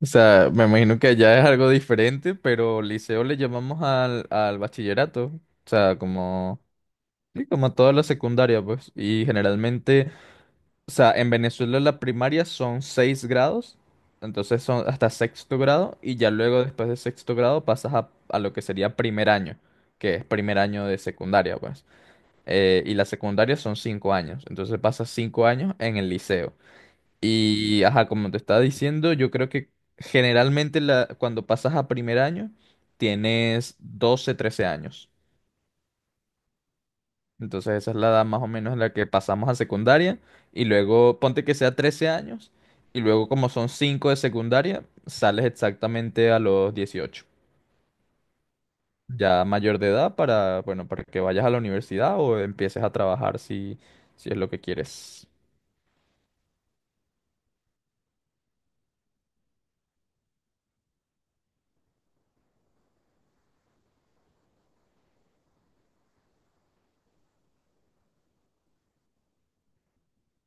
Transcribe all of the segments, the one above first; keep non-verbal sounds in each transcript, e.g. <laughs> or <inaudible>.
O sea, me imagino que allá es algo diferente, pero liceo le llamamos al bachillerato. O sea, como, sí, como toda la secundaria, pues. Y generalmente, o sea, en Venezuela la primaria son seis grados, entonces son hasta sexto grado, y ya luego después de sexto grado pasas a lo que sería primer año, que es primer año de secundaria, pues. Y la secundaria son 5 años, entonces pasas 5 años en el liceo. Y, ajá, como te estaba diciendo, yo creo que generalmente cuando pasas a primer año, tienes 12 13 años. Entonces esa es la edad más o menos en la que pasamos a secundaria. Y luego, ponte que sea 13 años. Y luego, como son 5 de secundaria, sales exactamente a los 18. Ya mayor de edad para, bueno, para que vayas a la universidad o empieces a trabajar si, si es lo que quieres.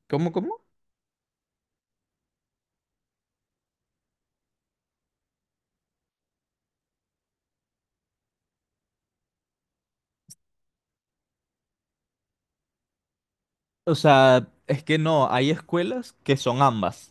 ¿Cómo, cómo? O sea, es que no, hay escuelas que son ambas.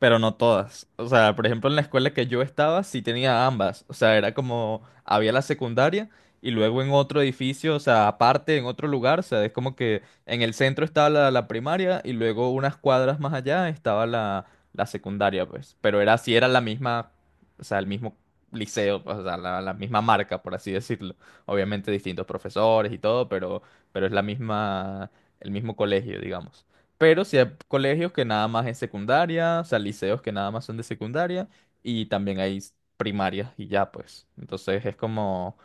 Pero no todas. O sea, por ejemplo, en la escuela que yo estaba sí tenía ambas. O sea, era como, había la secundaria y luego en otro edificio, o sea, aparte, en otro lugar, o sea, es como que en el centro estaba la primaria y luego unas cuadras más allá estaba la secundaria, pues. Pero era así, era la misma, o sea, el mismo liceo, pues, o sea, la misma marca, por así decirlo. Obviamente distintos profesores y todo, pero es la misma, el mismo colegio, digamos. Pero sí hay colegios que nada más es secundaria, o sea, liceos que nada más son de secundaria y también hay primarias y ya pues. Entonces es como,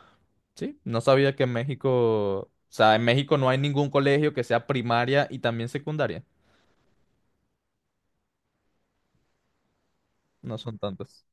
sí, no sabía que en México, o sea, en México no hay ningún colegio que sea primaria y también secundaria. No son tantos.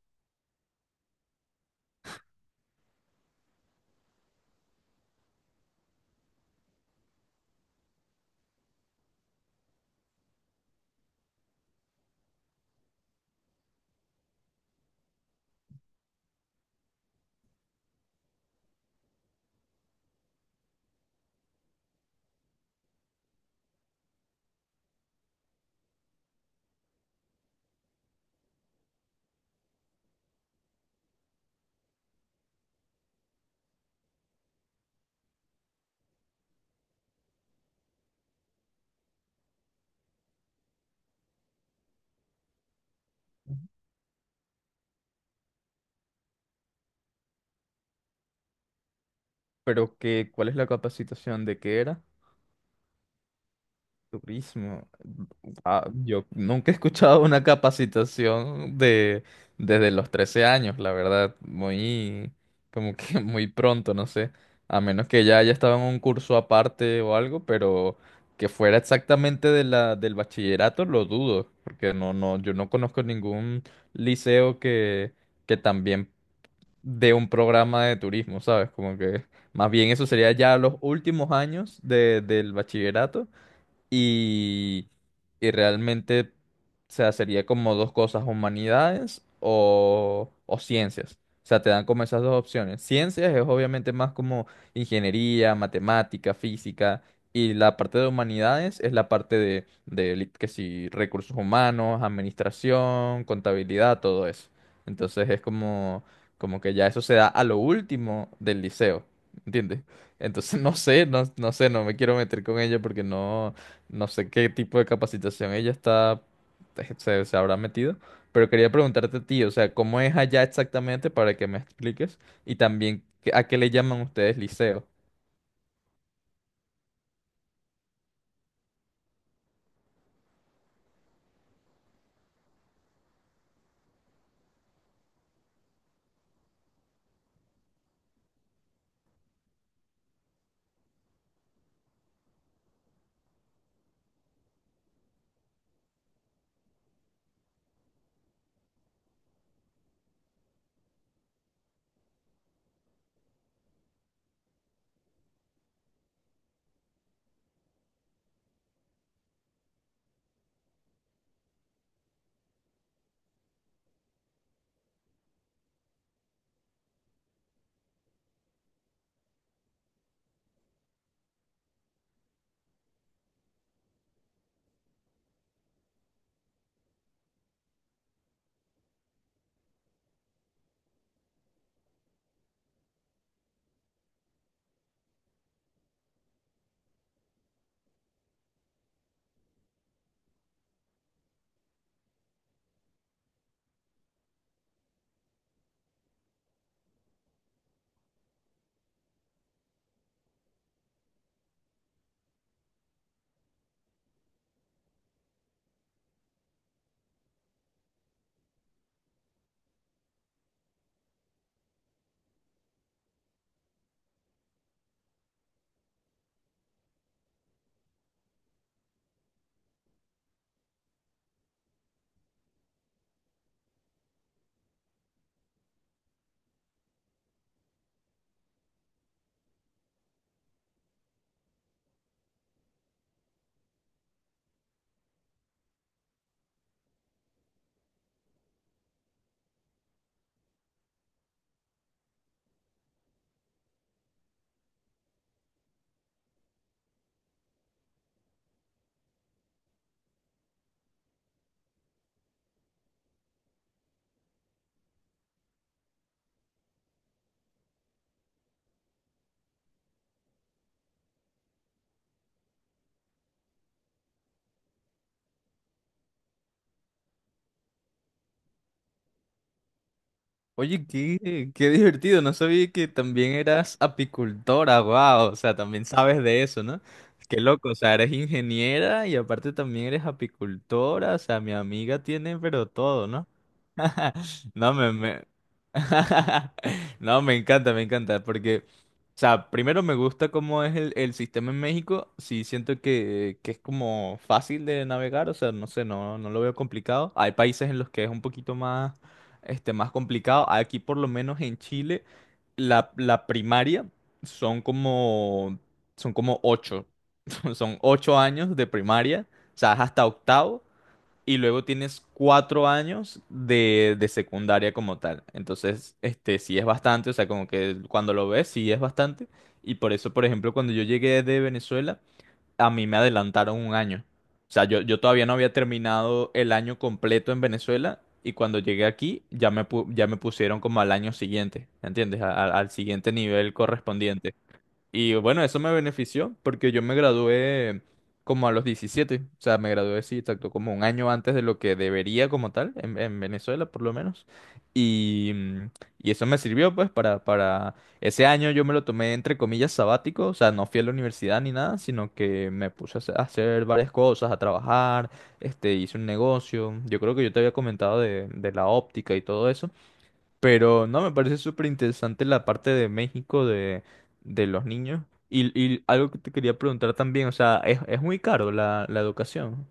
Pero que, ¿cuál es la capacitación de qué era? Turismo. Ah, yo nunca he escuchado una capacitación de desde los 13 años, la verdad, muy como que <laughs> muy pronto, no sé, a menos que ya haya estado en un curso aparte o algo, pero que fuera exactamente de la del bachillerato lo dudo, porque no no yo no conozco ningún liceo que también dé un programa de turismo, ¿sabes? Como que más bien eso sería ya los últimos años del bachillerato y, y realmente, o sea, sería como dos cosas, humanidades o ciencias. O sea, te dan como esas dos opciones. Ciencias es obviamente más como ingeniería, matemática, física. Y la parte de humanidades es la parte de que si recursos humanos, administración, contabilidad, todo eso. Entonces es como que ya eso se da a lo último del liceo, ¿entiendes? Entonces <laughs> no sé, no, no sé, no me quiero meter con ella porque no, no sé qué tipo de capacitación ella está, se, se habrá metido, pero quería preguntarte a ti, o sea, ¿cómo es allá exactamente para que me expliques? Y también, ¿a qué le llaman ustedes liceo? Oye, qué divertido, no sabía que también eras apicultora, wow, o sea, también sabes de eso, ¿no? Qué loco, o sea, eres ingeniera y aparte también eres apicultora, o sea, mi amiga tiene pero todo, ¿no? <laughs> No. <laughs> No, me encanta, porque, o sea, primero me gusta cómo es el sistema en México, sí siento que, es como fácil de navegar, o sea, no sé, no, no lo veo complicado. Hay países en los que es un poquito más complicado. Aquí, por lo menos en Chile, la primaria son como, son como 8. <laughs> Son 8 años de primaria, o sea, es hasta octavo, y luego tienes 4 años de secundaria como tal. Entonces, sí es bastante, o sea, como que cuando lo ves, sí es bastante. Y por eso, por ejemplo, cuando yo llegué de Venezuela, a mí me adelantaron un año. O sea, yo todavía no había terminado el año completo en Venezuela y cuando llegué aquí ya me pusieron como al año siguiente, ¿me entiendes? Al siguiente nivel correspondiente. Y bueno, eso me benefició porque yo me gradué como a los 17. O sea, me gradué, sí, exacto, como un año antes de lo que debería como tal, en, Venezuela por lo menos. Y, y eso me sirvió pues para… Ese año yo me lo tomé entre comillas sabático, o sea, no fui a la universidad ni nada, sino que me puse a hacer varias cosas, a trabajar, hice un negocio. Yo creo que yo te había comentado de la óptica y todo eso. Pero no, me parece súper interesante la parte de México de los niños. Y algo que te quería preguntar también, o sea, es muy caro la educación.